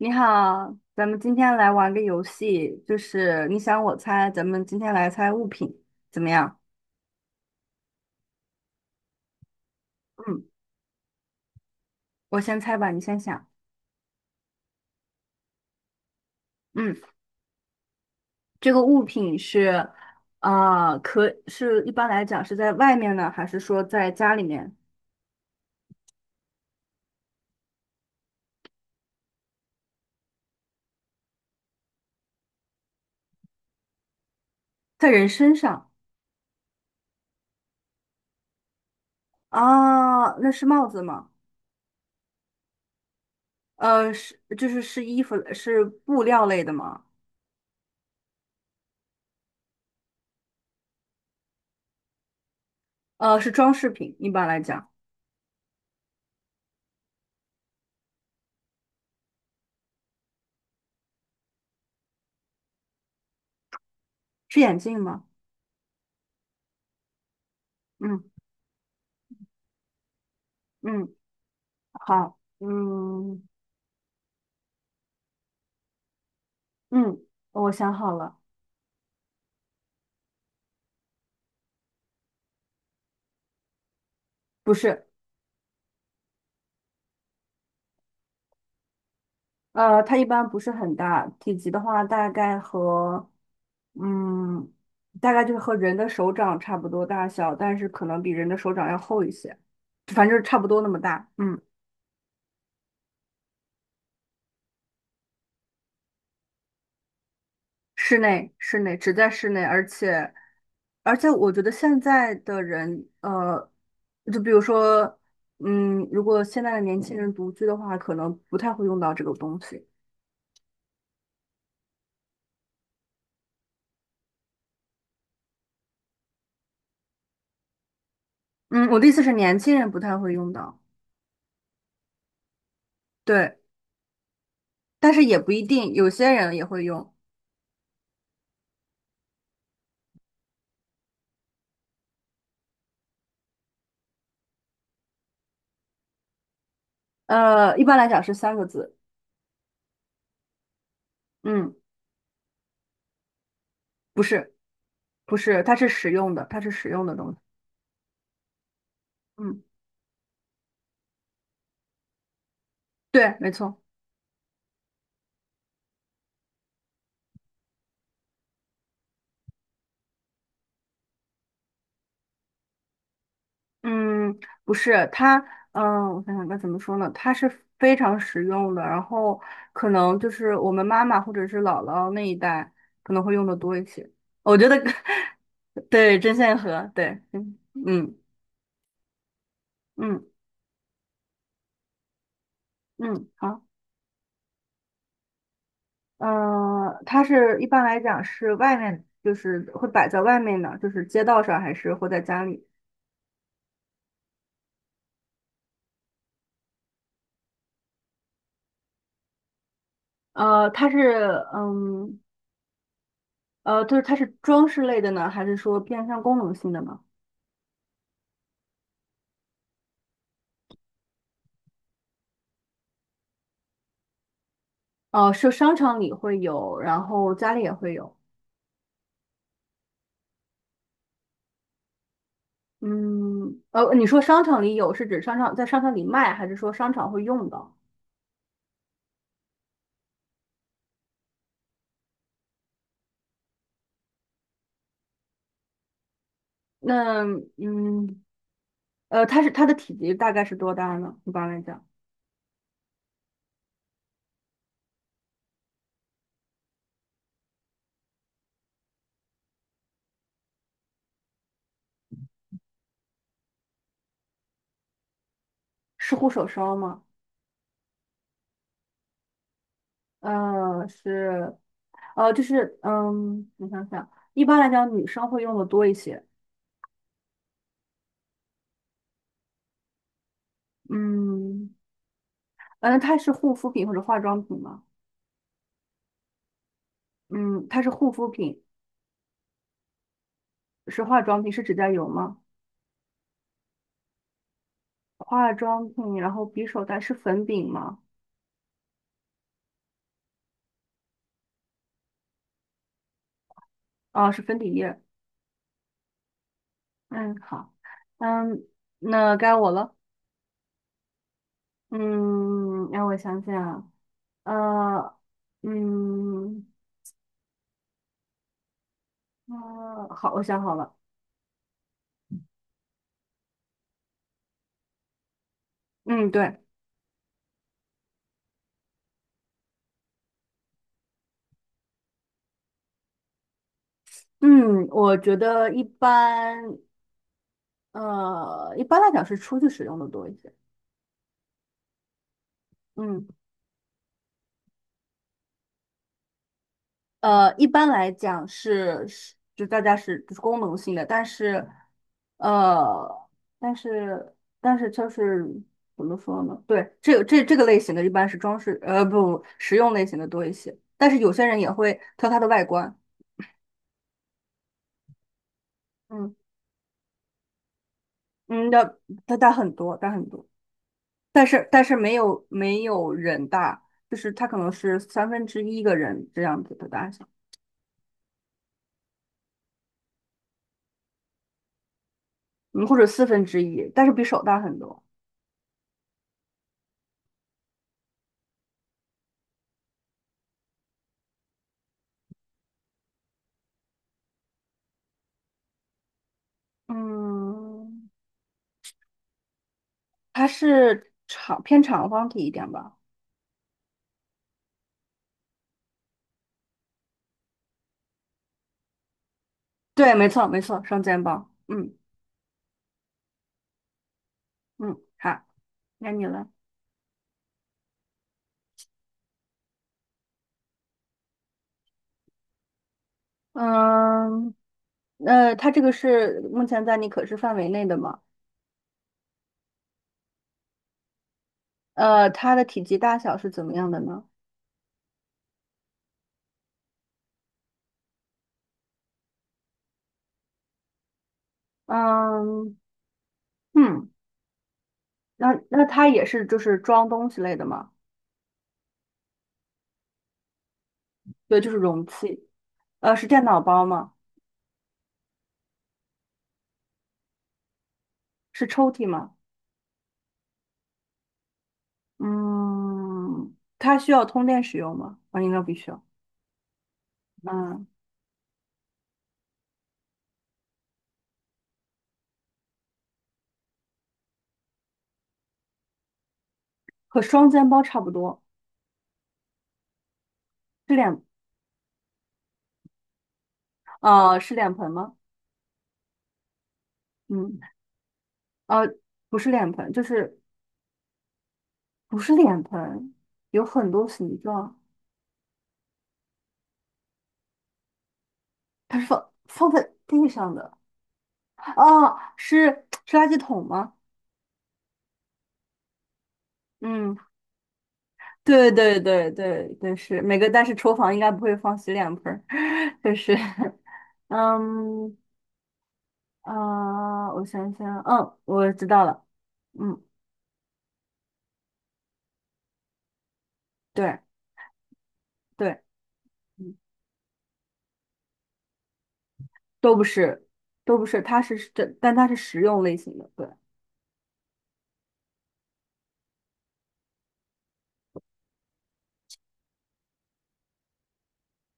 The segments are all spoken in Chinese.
你好，咱们今天来玩个游戏，就是你想我猜，咱们今天来猜物品，怎么样？嗯，我先猜吧，你先想。嗯，这个物品是，啊，可是一般来讲是在外面呢，还是说在家里面，在人身上？啊，那是帽子吗？是，就是衣服，是布料类的吗？是装饰品，一般来讲，是眼镜吗？嗯嗯，好，嗯嗯，我想好了。不是，它一般不是很大，体积的话大概和，嗯，大概就是和人的手掌差不多大小，但是可能比人的手掌要厚一些，反正就是差不多那么大。嗯，室内，室内，只在室内，而且，我觉得现在的人，就比如说，如果现在的年轻人独居的话，可能不太会用到这个东西。嗯，我的意思是年轻人不太会用到。对。但是也不一定，有些人也会用。一般来讲是三个字。嗯，不是，不是，它是实用的，它是实用的东西。嗯，对，没错。嗯，不是，我想想该怎么说呢？它是非常实用的，然后可能就是我们妈妈或者是姥姥那一代可能会用的多一些。我觉得，对，针线盒，对，嗯嗯嗯嗯，好。嗯，它是一般来讲是外面，就是会摆在外面呢，就是街道上还是会在家里？呃，它是嗯呃，就是它是装饰类的呢，还是说偏向功能性的呢？哦、是商场里会有，然后家里也会有。嗯，你说商场里有是指商场在商场里卖，还是说商场会用到？那嗯，它的体积大概是多大呢？一般来讲，是护手霜吗？是。就是我想想，一般来讲女生会用的多一些。嗯，嗯，它是护肤品或者化妆品吗？嗯，它是护肤品，是化妆品，是指甲油吗？化妆品，然后匕首袋是粉饼吗？啊，是粉底液。嗯，好，嗯，那该我了。嗯，让我想想啊，呃，嗯，好，我想好了。嗯，对，嗯，我觉得一般来讲是出去使用的多一些。嗯，一般来讲是就是功能性的，呃，但是但是就是怎么说呢？对，这个类型的一般是装饰，不，实用类型的多一些。但是有些人也会挑它的外观，嗯嗯，它大很多，大很多，但是没有人大，就是它可能是三分之一个人这样子的大小。嗯，或者四分之一，但是比手大很多。嗯，它是偏长方体一点吧？对，没错，没错，双肩包。嗯嗯，好，该你了。嗯，它这个是目前在你可视范围内的吗？它的体积大小是怎么样的呢？嗯嗯，那它也是就是装东西类的吗？对，就是容器。是电脑包吗？是抽屉吗？嗯，它需要通电使用吗？啊，应该不需要。嗯，和双肩包差不多，是脸，是脸盆吗？嗯，呃，不是脸盆，就是不是脸盆，有很多形状，它是放在地上的，哦，是垃圾桶吗？嗯，对对对对对，是每个，但是厨房应该不会放洗脸盆儿，就是，嗯我想想，嗯，我知道了，嗯，对对，都不是，都不是，它是这，但它是实用类型的，对，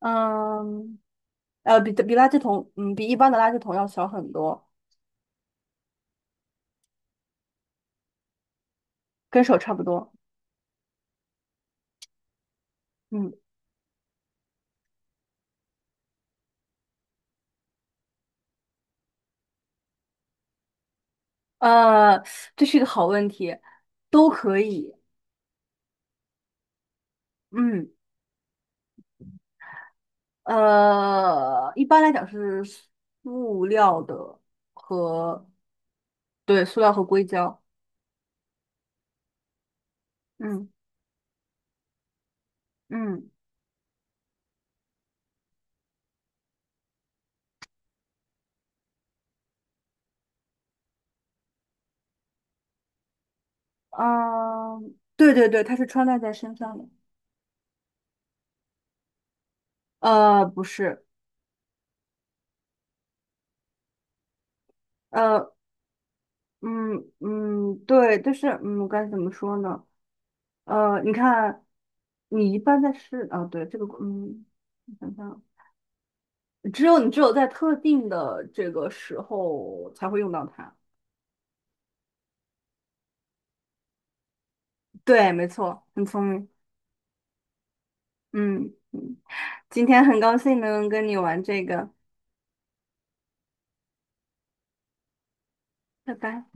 嗯，比垃圾桶，比一般的垃圾桶要小很多，跟手差不多，嗯，呃，这是一个好问题，都可以，嗯，一般来讲是塑料的和，对，塑料和硅胶，嗯嗯嗯，对对对，它是穿戴在身上的，不是。呃，嗯，对，就是该怎么说呢？你看，你一般在市啊，对这个，我想想啊，只有你只有在特定的这个时候才会用到它。对，没错，很聪明。嗯嗯，今天很高兴能跟你玩这个，拜拜。